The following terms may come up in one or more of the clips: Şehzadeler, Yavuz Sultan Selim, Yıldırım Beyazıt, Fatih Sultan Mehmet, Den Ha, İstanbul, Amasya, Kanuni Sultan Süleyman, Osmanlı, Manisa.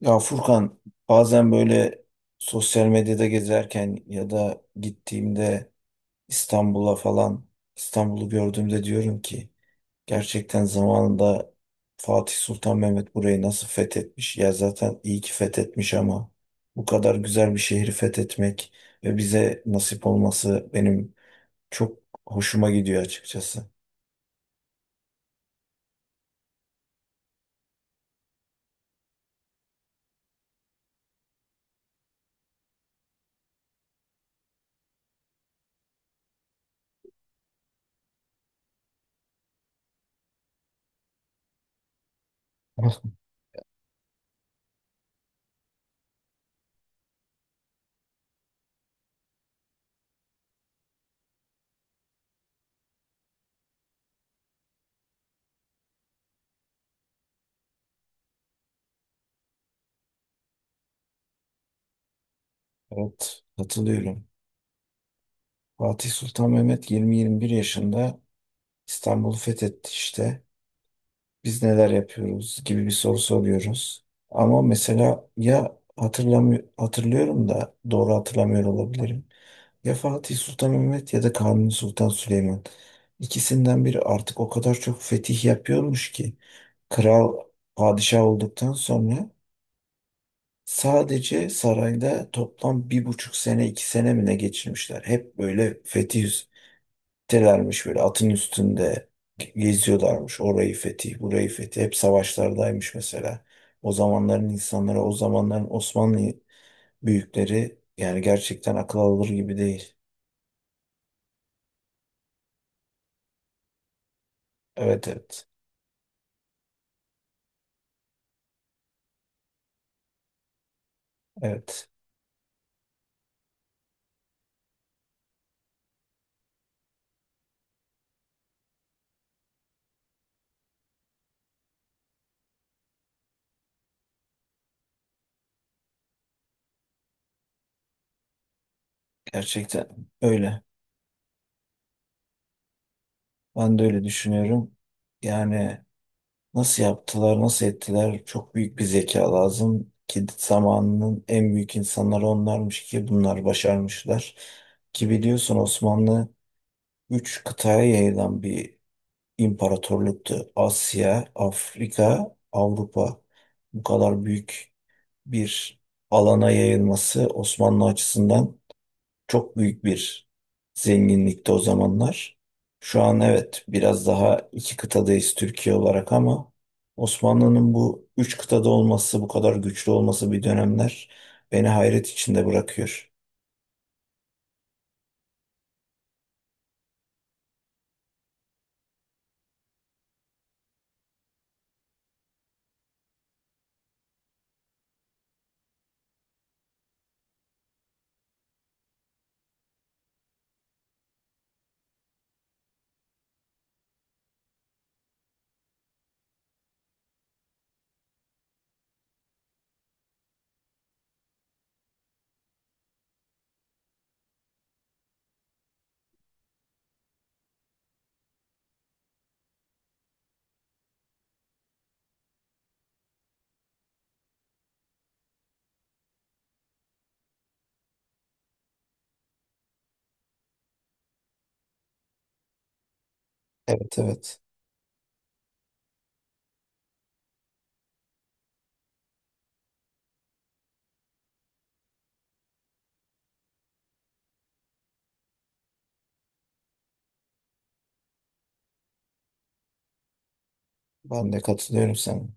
Ya Furkan, bazen böyle sosyal medyada gezerken ya da gittiğimde İstanbul'a falan, İstanbul'u gördüğümde diyorum ki gerçekten zamanında Fatih Sultan Mehmet burayı nasıl fethetmiş? Ya zaten iyi ki fethetmiş ama bu kadar güzel bir şehri fethetmek ve bize nasip olması benim çok hoşuma gidiyor açıkçası. Evet, katılıyorum. Fatih Sultan Mehmet 20-21 yaşında İstanbul'u fethetti işte. Biz neler yapıyoruz gibi bir soru soruyoruz. Ama mesela ya hatırlamıyor, hatırlıyorum da doğru hatırlamıyor olabilirim. Ya Fatih Sultan Mehmet ya da Kanuni Sultan Süleyman. İkisinden biri artık o kadar çok fetih yapıyormuş ki kral, padişah olduktan sonra sadece sarayda toplam bir buçuk sene, iki sene mi ne geçirmişler. Hep böyle fetih telermiş, böyle atın üstünde geziyorlarmış. Orayı fethi, burayı fethi. Hep savaşlardaymış mesela. O zamanların insanları, o zamanların Osmanlı büyükleri yani gerçekten akıl alır gibi değil. Evet, evet. Evet. Gerçekten öyle. Ben de öyle düşünüyorum. Yani nasıl yaptılar, nasıl ettiler? Çok büyük bir zeka lazım ki zamanının en büyük insanları onlarmış ki bunlar başarmışlar. Ki biliyorsun Osmanlı üç kıtaya yayılan bir imparatorluktu. Asya, Afrika, Avrupa. Bu kadar büyük bir alana yayılması Osmanlı açısından çok büyük bir zenginlikti o zamanlar. Şu an evet biraz daha iki kıtadayız Türkiye olarak ama Osmanlı'nın bu üç kıtada olması, bu kadar güçlü olması bir dönemler beni hayret içinde bırakıyor. Evet, evet, ben de katılıyorum sana.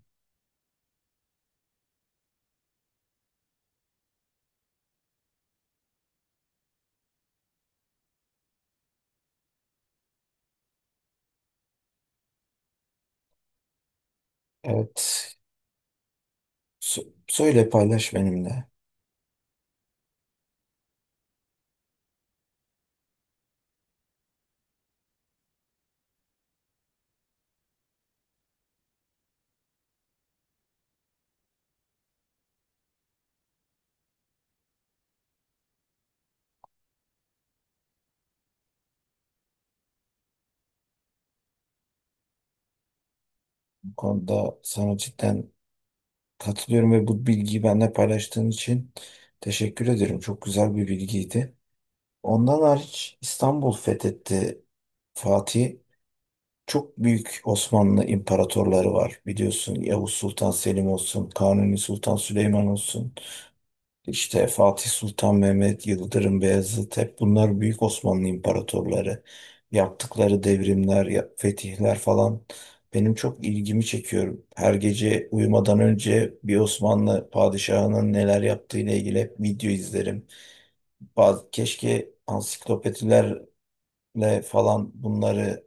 Evet. Söyle, paylaş benimle. Bu konuda sana cidden katılıyorum ve bu bilgiyi benimle paylaştığın için teşekkür ederim. Çok güzel bir bilgiydi. Ondan hariç İstanbul fethetti Fatih. Çok büyük Osmanlı imparatorları var biliyorsun. Yavuz Sultan Selim olsun, Kanuni Sultan Süleyman olsun. İşte Fatih Sultan Mehmet, Yıldırım Beyazıt, hep bunlar büyük Osmanlı imparatorları. Yaptıkları devrimler, fetihler falan benim çok ilgimi çekiyor. Her gece uyumadan önce bir Osmanlı padişahının neler yaptığıyla ilgili hep video izlerim. Keşke ansiklopedilerle falan bunları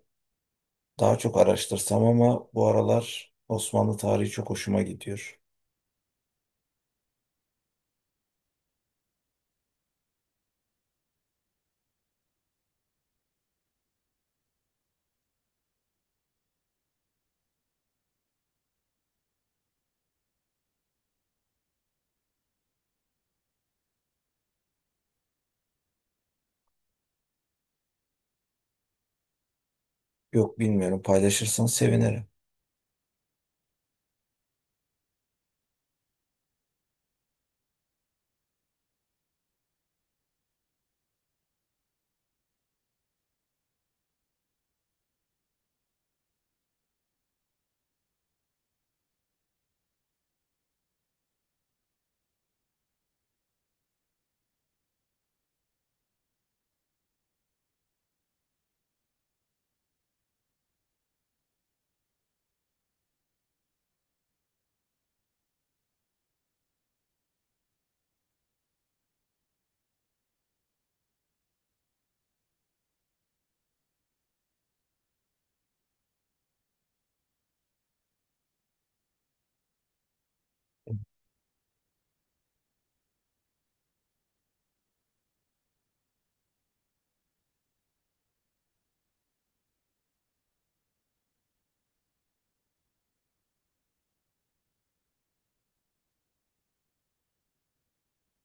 daha çok araştırsam ama bu aralar Osmanlı tarihi çok hoşuma gidiyor. Yok, bilmiyorum, paylaşırsan sevinirim.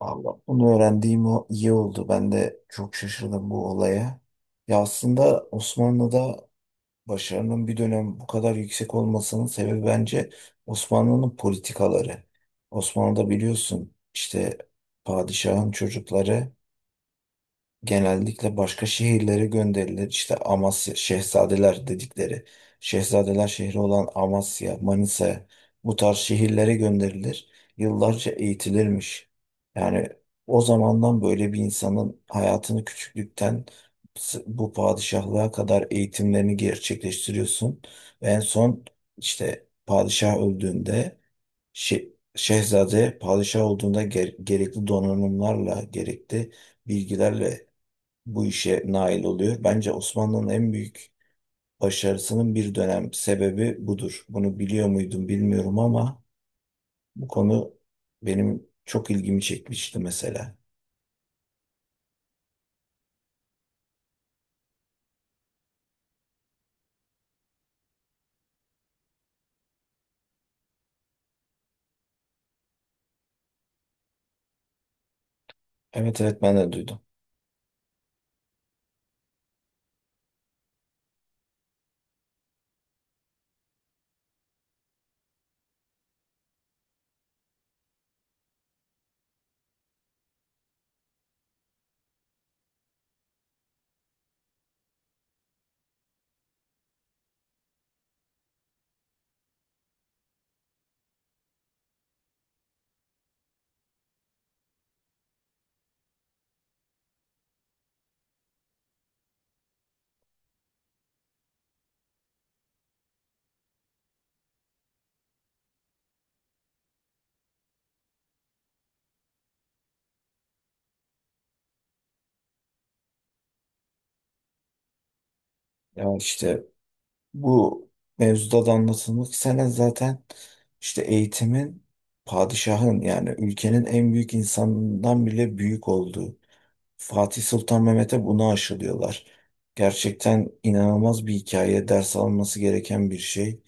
Allah, bunu öğrendiğim o iyi oldu. Ben de çok şaşırdım bu olaya. Ya aslında Osmanlı'da başarının bir dönem bu kadar yüksek olmasının sebebi bence Osmanlı'nın politikaları. Osmanlı'da biliyorsun işte padişahın çocukları genellikle başka şehirlere gönderilir. İşte Amasya, Şehzadeler dedikleri, Şehzadeler şehri olan Amasya, Manisa, bu tarz şehirlere gönderilir. Yıllarca eğitilirmiş. Yani o zamandan böyle bir insanın hayatını küçüklükten bu padişahlığa kadar eğitimlerini gerçekleştiriyorsun. Ve en son işte padişah öldüğünde Şehzade padişah olduğunda gerekli donanımlarla, gerekli bilgilerle bu işe nail oluyor. Bence Osmanlı'nın en büyük başarısının bir dönem sebebi budur. Bunu biliyor muydum bilmiyorum ama bu konu benim çok ilgimi çekmişti mesela. Evet, evet, ben de duydum. Ya işte bu mevzuda da anlatılmak istenen zaten işte eğitimin padişahın, yani ülkenin en büyük insanından bile büyük olduğu. Fatih Sultan Mehmet'e bunu aşılıyorlar. Gerçekten inanılmaz bir hikaye, ders alınması gereken bir şey.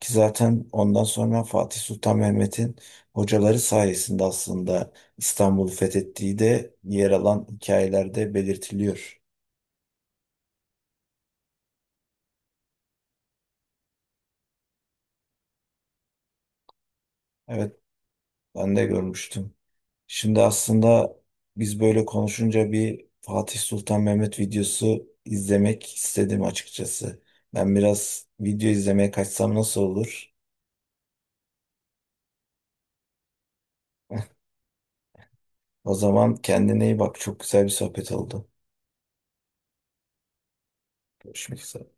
Ki zaten ondan sonra Fatih Sultan Mehmet'in hocaları sayesinde aslında İstanbul'u fethettiği de yer alan hikayelerde belirtiliyor. Evet, ben de görmüştüm. Şimdi aslında biz böyle konuşunca bir Fatih Sultan Mehmet videosu izlemek istedim açıkçası. Ben biraz video izlemeye kaçsam nasıl olur? O zaman kendine iyi bak. Çok güzel bir sohbet oldu. Görüşmek üzere.